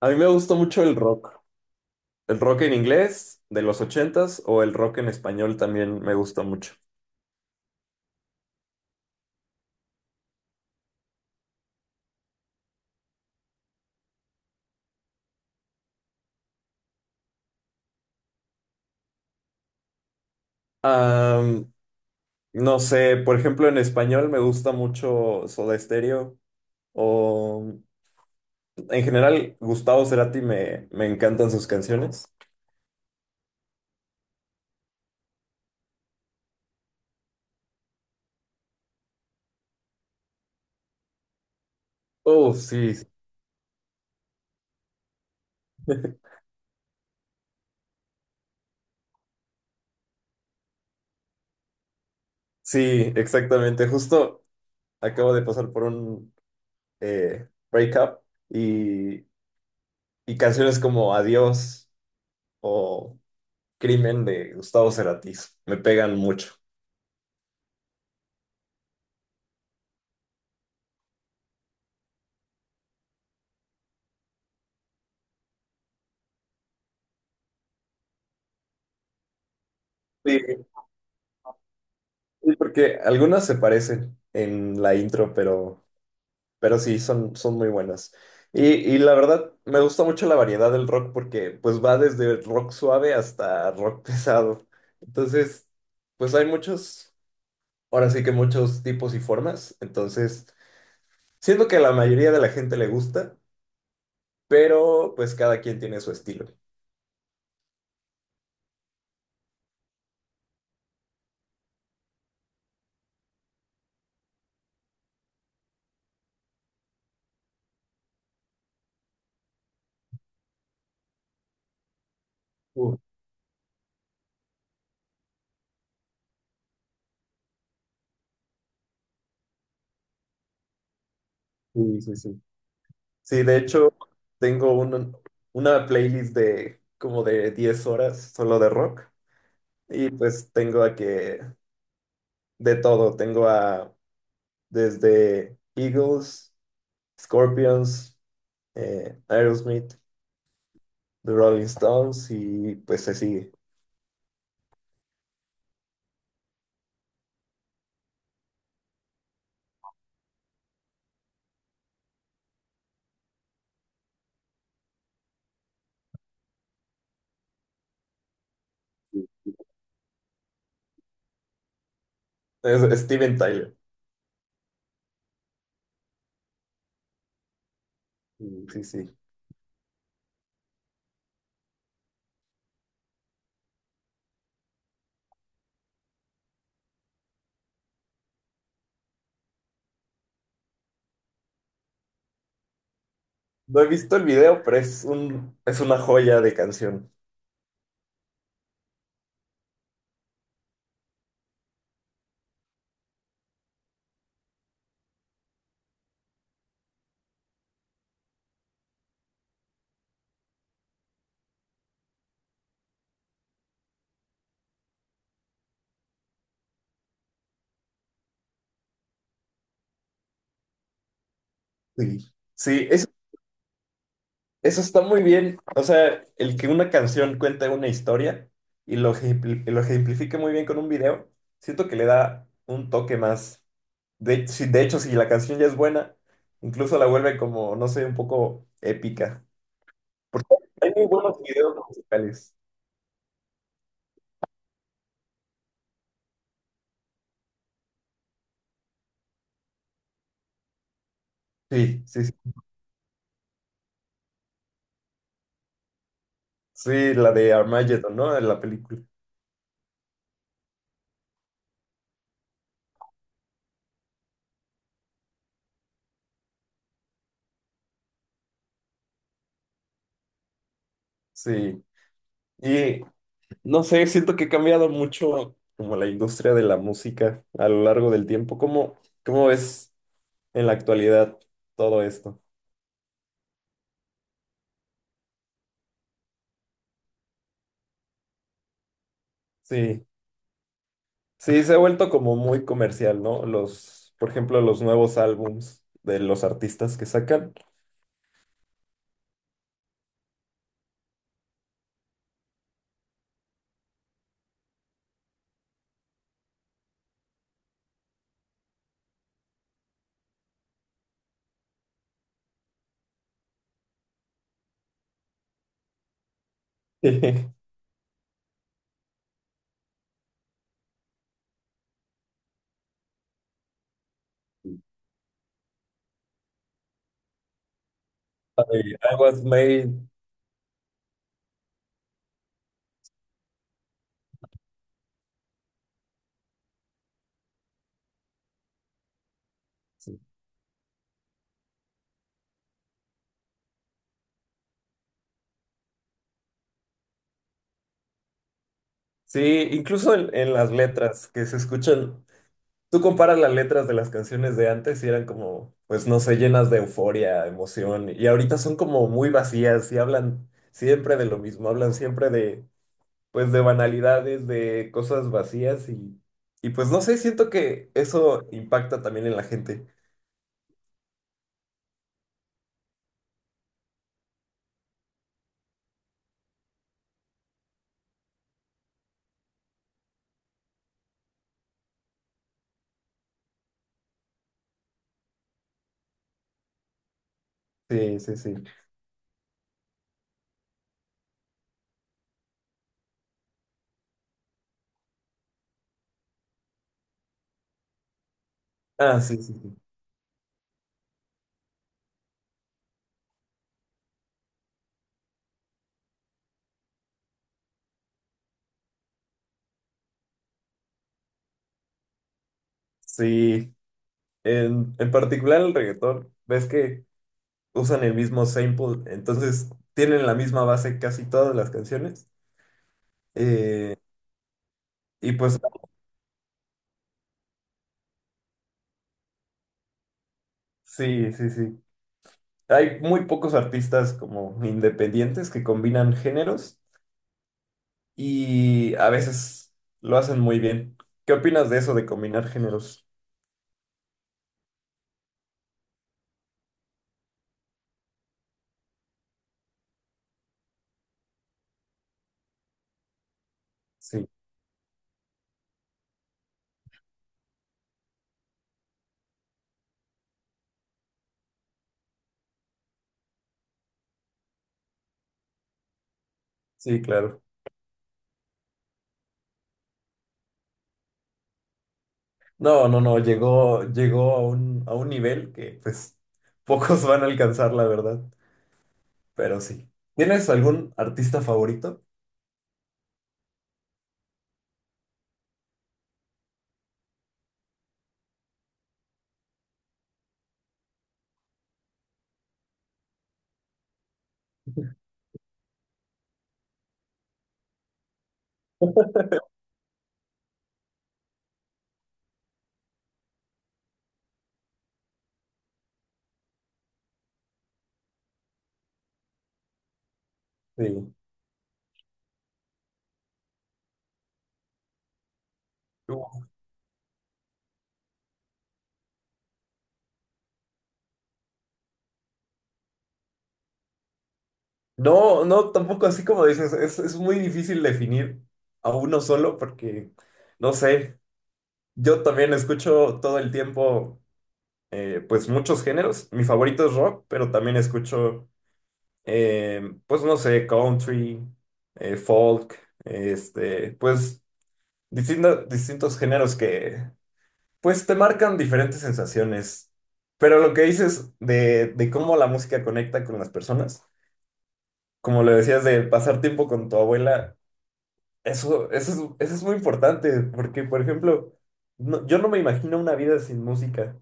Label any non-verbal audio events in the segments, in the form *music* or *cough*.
A mí me gusta mucho el rock. El rock en inglés de los ochentas o el rock en español también me gusta mucho. Am, no sé, por ejemplo, en español me gusta mucho Soda Stereo o en general Gustavo Cerati me encantan sus canciones. Oh, sí. Sí, exactamente. Justo acabo de pasar por un breakup y, y canciones como Adiós o Crimen de Gustavo Cerati me pegan mucho. Sí. Sí, porque algunas se parecen en la intro, pero sí, son, son muy buenas. Y la verdad, me gusta mucho la variedad del rock porque pues va desde rock suave hasta rock *laughs* pesado. Entonces, pues hay muchos, ahora sí que muchos tipos y formas. Entonces, siento que a la mayoría de la gente le gusta, pero pues cada quien tiene su estilo. Uh, sí, sí, sí. Sí, de hecho, tengo un- una playlist de como de 10 horas solo de rock. Y pues tengo a que de todo, tengo a desde Eagles, Scorpions, Aerosmith, The Rolling Stones y pues se sigue. Es Steven Tyler. Sí, sí, sí. No he visto el video, pero es una joya de canción. Sí. Sí, es Eso está muy bien. O sea, el que una canción cuente una historia y y lo ejemplifique muy bien con un video, siento que le da un toque más. De hecho, si la canción ya es buena, incluso la vuelve como, no sé, un poco épica. Hay muy buenos videos musicales. Sí, sí, sí. Sí, la de Armageddon, ¿no? En la película. Sí. Y no sé, siento que ha cambiado mucho como la industria de la música a lo largo del tiempo. Cómo es en la actualidad todo esto? Sí, sí, se ha vuelto como muy comercial, ¿no? Los, por ejemplo, los nuevos álbums de los artistas que sacan. *laughs* Ay, I was made. Sí, sí, incluso en las letras que se escuchan. Tú comparas las letras de las canciones de antes y eran como, pues no sé, llenas de euforia, emoción, y ahorita son como muy vacías y hablan siempre de lo mismo, hablan siempre de pues de banalidades, de cosas vacías y pues no sé, siento que eso impacta también en la gente. Sí, sí, sí. Ah, sí, sí, sí. Sí, en particular el reggaetón, ves que usan el mismo sample, entonces tienen la misma base casi todas las canciones. Eh, y pues sí, sí, sí. Hay muy pocos artistas como independientes que combinan géneros y a veces lo hacen muy bien. ¿Qué opinas de eso de combinar géneros? Sí. Sí, claro. No, no, no, llegó, llegó a un nivel que pues *laughs* pocos van a alcanzar, la verdad. Pero sí. ¿Tienes algún artista favorito? Digo, tú. No, no, tampoco así como dices, es muy difícil definir a uno solo porque, no sé, yo también escucho todo el tiempo, pues muchos géneros. Mi favorito es rock, pero también escucho, eh, pues no sé, country, folk, este, pues distintos géneros que, pues, te marcan diferentes sensaciones. Pero lo que dices de cómo la música conecta con las personas, como le decías de pasar tiempo con tu abuela, eso, eso eso es muy importante, porque, por ejemplo, yo no me imagino una vida sin música,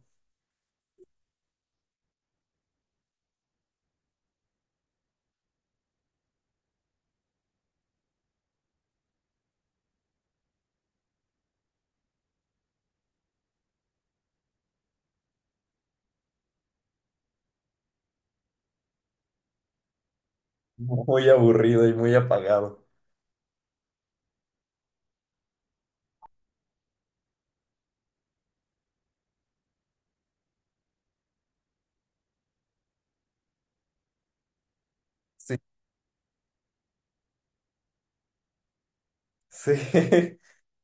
muy aburrido y muy apagado. Sí, sí, *laughs*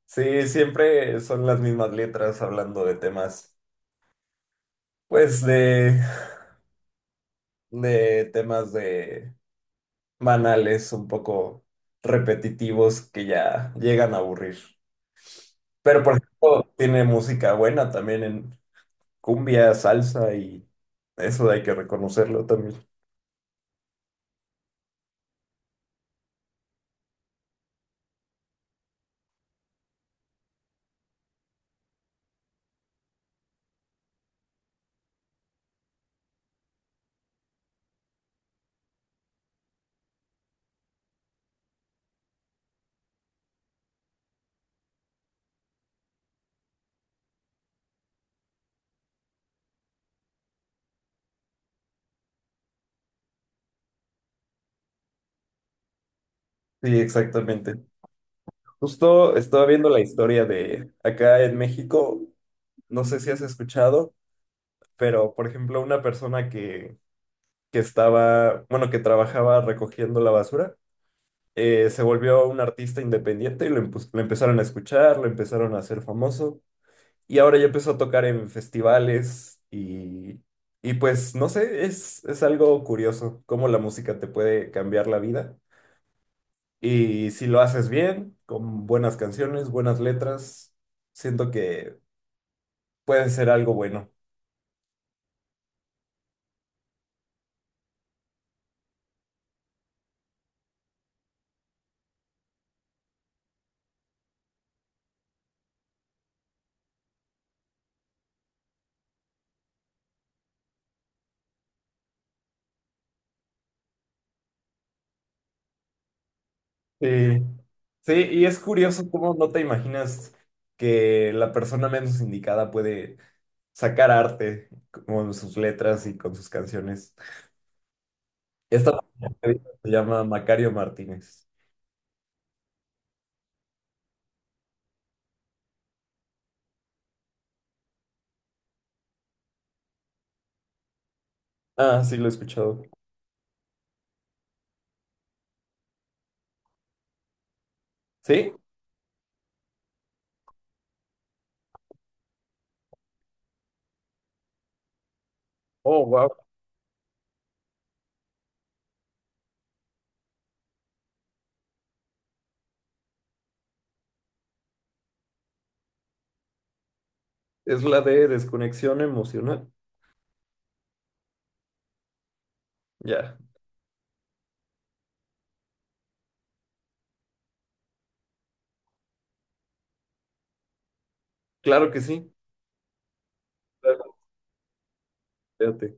sí, siempre son las mismas letras hablando de temas, pues, de temas de banales, un poco repetitivos que ya llegan a aburrir. Pero, por ejemplo, tiene música buena también en cumbia, salsa y eso hay que reconocerlo también. Sí, exactamente. Justo estaba viendo la historia de acá en México, no sé si has escuchado, pero, por ejemplo, una persona que estaba, bueno, que trabajaba recogiendo la basura. Se volvió un artista independiente y lo empezaron a escuchar, lo empezaron a hacer famoso. Y ahora ya empezó a tocar en festivales y pues no sé, es algo curioso cómo la música te puede cambiar la vida. Y si lo haces bien, con buenas canciones, buenas letras, siento que puede ser algo bueno. Sí. Sí, y es curioso cómo no te imaginas que la persona menos indicada puede sacar arte con sus letras y con sus canciones. Esta persona se llama Macario Martínez. Ah, sí, lo he escuchado. Sí. Oh, wow. Es la de desconexión emocional. Ya. Claro que sí. Claro, fíjate.